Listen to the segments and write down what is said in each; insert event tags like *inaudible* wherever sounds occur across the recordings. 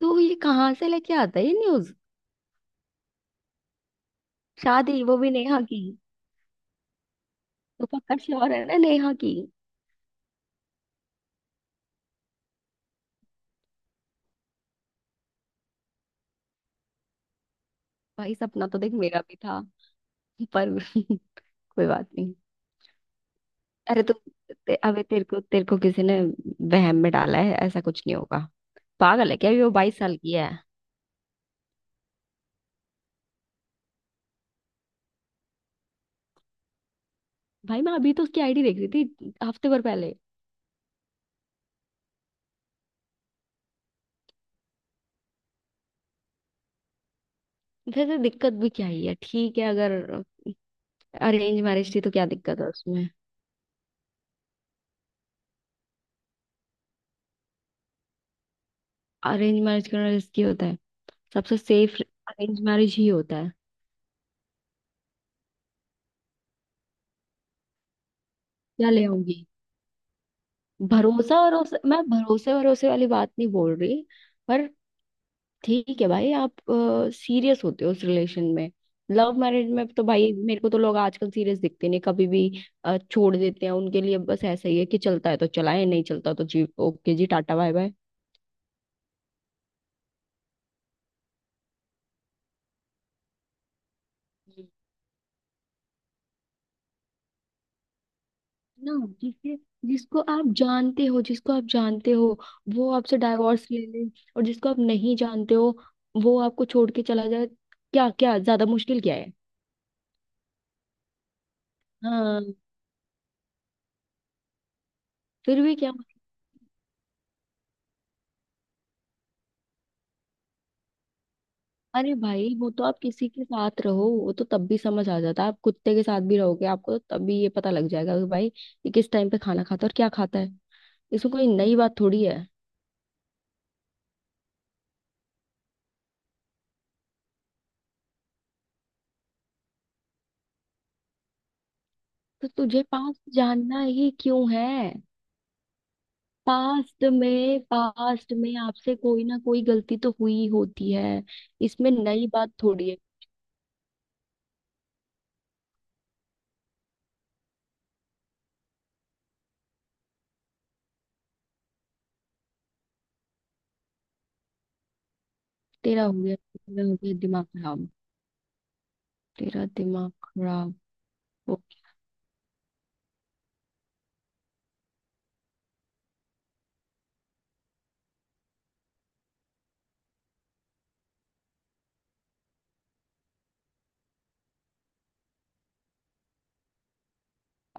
तो ये कहाँ से लेके आता है ये न्यूज। शादी, वो भी नेहा की। तो पक्का श्योर है ना, नेहा की। भाई सपना तो देख मेरा भी था, पर *laughs* कोई बात नहीं। अरे तो अबे तेरे को किसी ने वहम में डाला है, ऐसा कुछ नहीं होगा। पागल है क्या, अभी वो 22 साल की है। भाई मैं अभी तो उसकी आईडी देख रही थी हफ्ते भर पहले। वैसे तो दिक्कत भी क्या ही है, ठीक है अगर अरेंज मैरिज थी तो क्या दिक्कत है उसमें। अरेंज मैरिज करना रिस्की होता है? सबसे सेफ अरेंज मैरिज ही होता है। क्या ले आऊंगी। भरोसा, भरोसा मैं भरोसे भरोसे वाली बात नहीं बोल रही। पर ठीक है भाई, आप सीरियस होते हो उस रिलेशन में? लव मैरिज में तो भाई मेरे को तो लोग आजकल सीरियस दिखते नहीं कभी भी। छोड़ देते हैं उनके लिए, बस ऐसा ही है कि चलता है तो चलाए, नहीं चलता तो जी ओके जी, टाटा बाय बाय। ना, जिसे जिसको आप जानते हो वो आपसे डाइवोर्स ले ले, और जिसको आप नहीं जानते हो वो आपको छोड़ के चला जाए। क्या क्या ज्यादा मुश्किल, क्या है? हाँ, फिर भी क्या? अरे भाई वो तो आप किसी के साथ रहो वो तो तब भी समझ आ जाता है। आप कुत्ते के साथ भी रहोगे आपको तो तब भी ये पता लग जाएगा कि भाई ये किस टाइम पे खाना खाता है और क्या खाता है। इसमें कोई नई बात थोड़ी है। तो तुझे पास्ट जानना ही क्यों है? पास्ट में आपसे कोई ना कोई गलती तो हुई होती है। इसमें नई बात थोड़ी है। तेरा हो गया। मेरा हो गया दिमाग खराब। तेरा दिमाग खराब।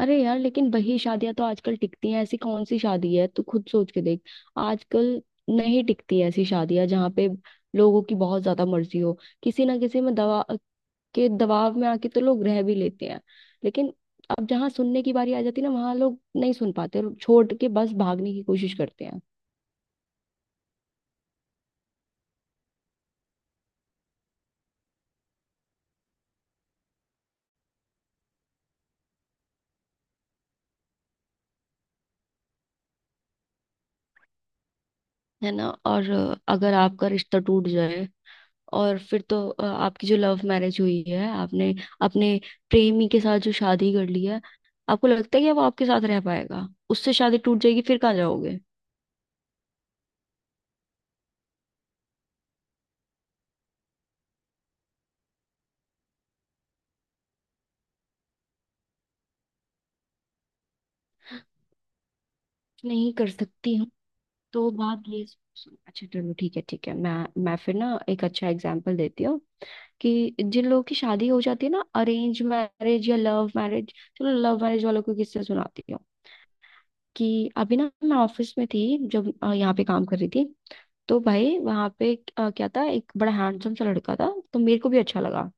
अरे यार, लेकिन वही शादियां तो आजकल टिकती हैं। ऐसी कौन सी शादी है, तू खुद सोच के देख आजकल। नहीं टिकती हैं ऐसी शादियां जहाँ पे लोगों की बहुत ज्यादा मर्जी हो। किसी ना किसी में दवा के दबाव में आके तो लोग रह भी लेते हैं, लेकिन अब जहाँ सुनने की बारी आ जाती है ना, वहां लोग नहीं सुन पाते और छोड़ के बस भागने की कोशिश करते हैं। है ना, और अगर आपका रिश्ता टूट जाए, और फिर तो आपकी जो लव मैरिज हुई है, आपने अपने प्रेमी के साथ जो शादी कर ली है, आपको लगता है कि वो आपके साथ रह पाएगा? उससे शादी टूट जाएगी फिर कहाँ जाओगे? नहीं कर सकती हूँ। तो बात ये अच्छा चलो, ठीक है ठीक है, मैं फिर ना एक अच्छा एग्जाम्पल देती हूँ कि जिन लोगों की शादी हो जाती है ना, अरेंज मैरिज या लव मैरिज। चलो लव मैरिज वालों को किससे सुनाती हूँ। कि अभी ना मैं ऑफिस में थी जब यहाँ पे काम कर रही थी, तो भाई वहां पे क्या था, एक बड़ा हैंडसम सा लड़का था, तो मेरे को भी अच्छा लगा।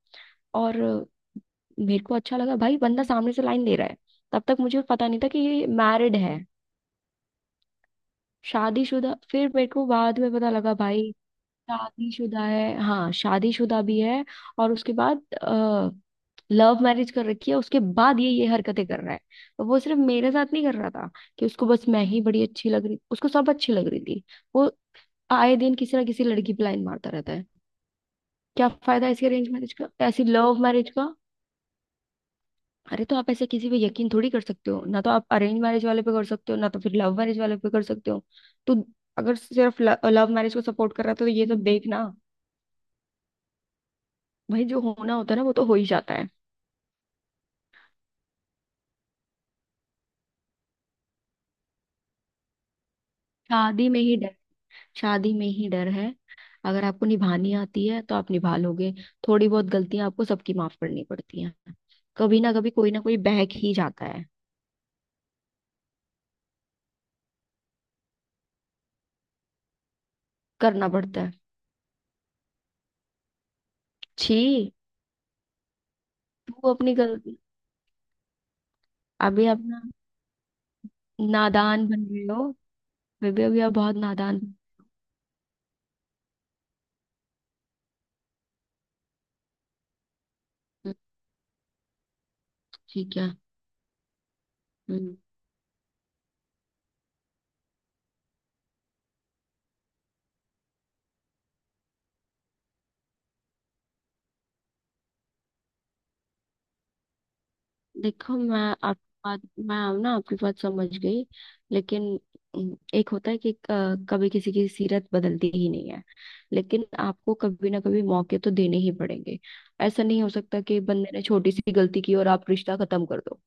और मेरे को अच्छा लगा भाई, बंदा सामने से लाइन दे रहा है। तब तक मुझे पता नहीं था कि ये मैरिड है, शादीशुदा। फिर मेरे को बाद में पता लगा भाई शादीशुदा है, हाँ शादीशुदा भी है। और उसके बाद लव मैरिज कर रखी है, उसके बाद ये हरकतें कर रहा है। और वो सिर्फ मेरे साथ नहीं कर रहा था कि उसको बस मैं ही बड़ी अच्छी लग रही, उसको सब अच्छी लग रही थी। वो आए दिन किसी ना किसी लड़की पे लाइन मारता रहता है। क्या फायदा इसके अरेंज मैरिज का, ऐसी लव मैरिज का। अरे तो आप ऐसे किसी पे यकीन थोड़ी कर सकते हो, ना तो आप अरेंज मैरिज वाले पे कर सकते हो, ना तो फिर लव मैरिज वाले पे कर सकते हो। तो अगर सिर्फ लव मैरिज को सपोर्ट कर रहा था तो ये सब देखना, भाई जो होना होता है ना वो तो हो ही जाता है। शादी में ही डर, शादी में ही डर है। अगर आपको निभानी आती है तो आप निभा लोगे। थोड़ी बहुत गलतियां आपको सबकी माफ करनी पड़ती हैं। कभी ना कभी कोई ना कोई बहक ही जाता है। करना पड़ता है। छी। तू अपनी गलती, अभी अपना नादान बन रहे हो। बेबी अभी आप बहुत नादान बन- ठीक है। हम्म। देखो, मैं ना आपकी बात समझ गई, लेकिन एक होता है कि कभी किसी की सीरत बदलती ही नहीं है। लेकिन आपको कभी ना कभी मौके तो देने ही पड़ेंगे। ऐसा नहीं हो सकता कि बंदे ने छोटी सी गलती की और आप रिश्ता खत्म कर दो।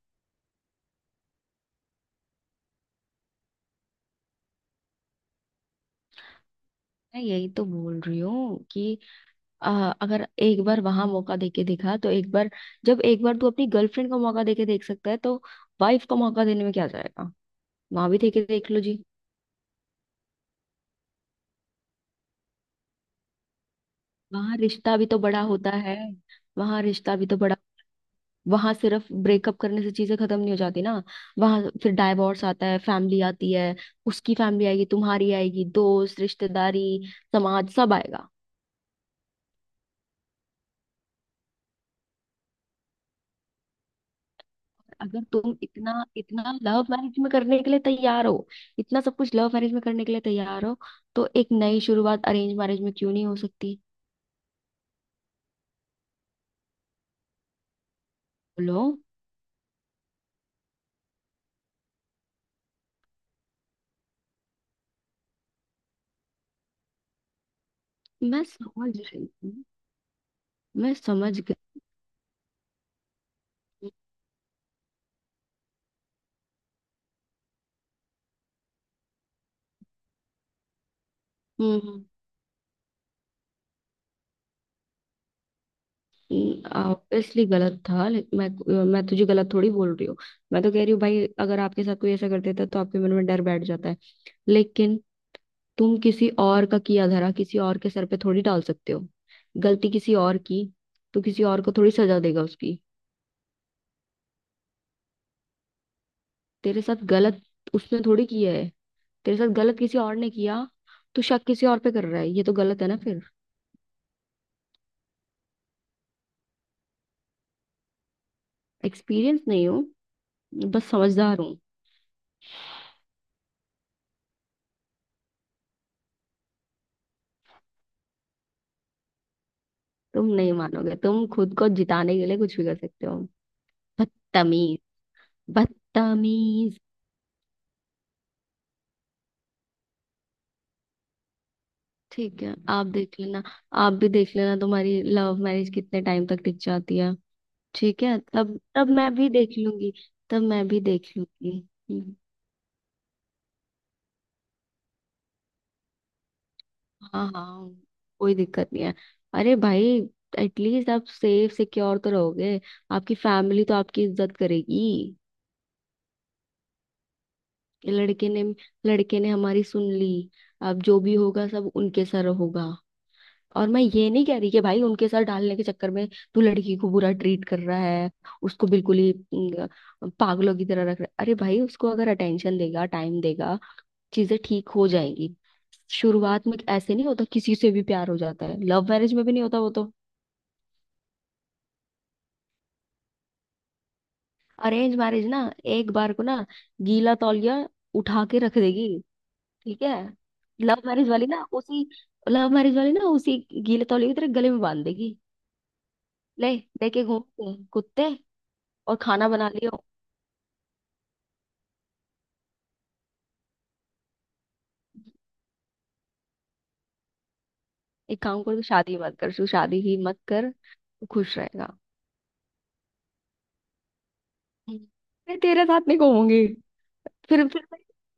मैं यही तो बोल रही हूँ कि अ, अगर एक बार वहां मौका देके देखा, तो एक बार, जब एक बार तू अपनी गर्लफ्रेंड को मौका देके देख सकता है तो वाइफ को मौका देने में क्या जाएगा। वहां भी देके देख लो जी। वहां रिश्ता भी तो बड़ा होता है, वहां रिश्ता भी तो बड़ा, वहां सिर्फ ब्रेकअप करने से चीजें खत्म नहीं हो जाती ना। वहां फिर डाइवोर्स आता है, फैमिली आती है। उसकी फैमिली आएगी, तुम्हारी आएगी, दोस्त, रिश्तेदारी, समाज सब आएगा। अगर तुम इतना, इतना लव मैरिज में करने के लिए तैयार हो, इतना सब कुछ लव मैरिज में करने के लिए तैयार हो, तो एक नई शुरुआत अरेंज मैरिज में क्यों नहीं हो सकती? बोलो। मैं समझ रही हूँ। मैं समझ गई। हम्म, ऑब्वियसली गलत था, लेकिन मैं तुझे गलत थोड़ी बोल रही हूँ। मैं तो कह रही हूँ भाई, अगर आपके साथ कोई ऐसा कर देता तो आपके मन में डर बैठ जाता है। लेकिन तुम किसी और का किया धरा किसी और के सर पे थोड़ी डाल सकते हो। गलती किसी और की, तो किसी और को थोड़ी सजा देगा उसकी। तेरे साथ गलत उसने थोड़ी किया है, तेरे साथ गलत किसी और ने किया, तो शक किसी और पे कर रहा है, ये तो गलत है ना फिर। एक्सपीरियंस नहीं हो, बस समझदार हूँ। तुम नहीं मानोगे, तुम खुद को जिताने के लिए कुछ भी कर सकते हो। बदतमीज। बदतमीज। ठीक है, आप देख लेना। आप भी देख लेना तुम्हारी लव मैरिज कितने टाइम तक टिक जाती है। ठीक है, तब तब मैं भी देख लूंगी, तब मैं भी देख लूंगी। हम्म, हाँ, हाँ, कोई दिक्कत नहीं है। अरे भाई, एटलीस्ट आप सेफ सिक्योर तो रहोगे, आपकी फैमिली तो आपकी इज्जत करेगी। लड़के ने लड़के ने हमारी सुन ली, अब जो भी होगा सब उनके सर होगा। और मैं ये नहीं कह रही कि भाई उनके साथ डालने के चक्कर में तू लड़की को बुरा ट्रीट कर रहा है, उसको बिल्कुल ही पागलों की तरह रख रहा है। अरे भाई उसको अगर अटेंशन देगा, टाइम देगा, चीजें ठीक हो जाएगी। शुरुआत में ऐसे नहीं होता, किसी से भी प्यार हो जाता है, लव मैरिज में भी नहीं होता वो तो। अरेंज मैरिज ना, एक बार को ना, गीला तौलिया उठा के रख देगी। ठीक है। लव मैरिज वाली ना उसी लव मैरिज वाली ना उसी गीले तौलिया की तरह गले में बांध देगी। ले लेके घूमते हैं कुत्ते। और खाना बना लियो। एक काम कर, तू शादी मत कर, तू शादी ही मत कर, तू खुश रहेगा। हम्म। मैं तेरे साथ नहीं घूमूंगी। फिर फिर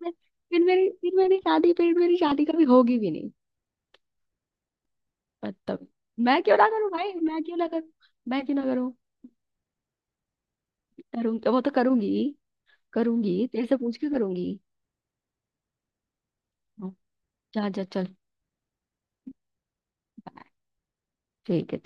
मैं- फिर मेरी शादी कभी होगी भी नहीं। मतलब, मैं क्यों ना करूं भाई, मैं क्यों ना करूं, मैं क्यों ना करूं। करूंगी, वो तो करूंगी, करूंगी तेरे से पूछ के करूंगी। हाँ, जा जा चल, बाय। ठीक है।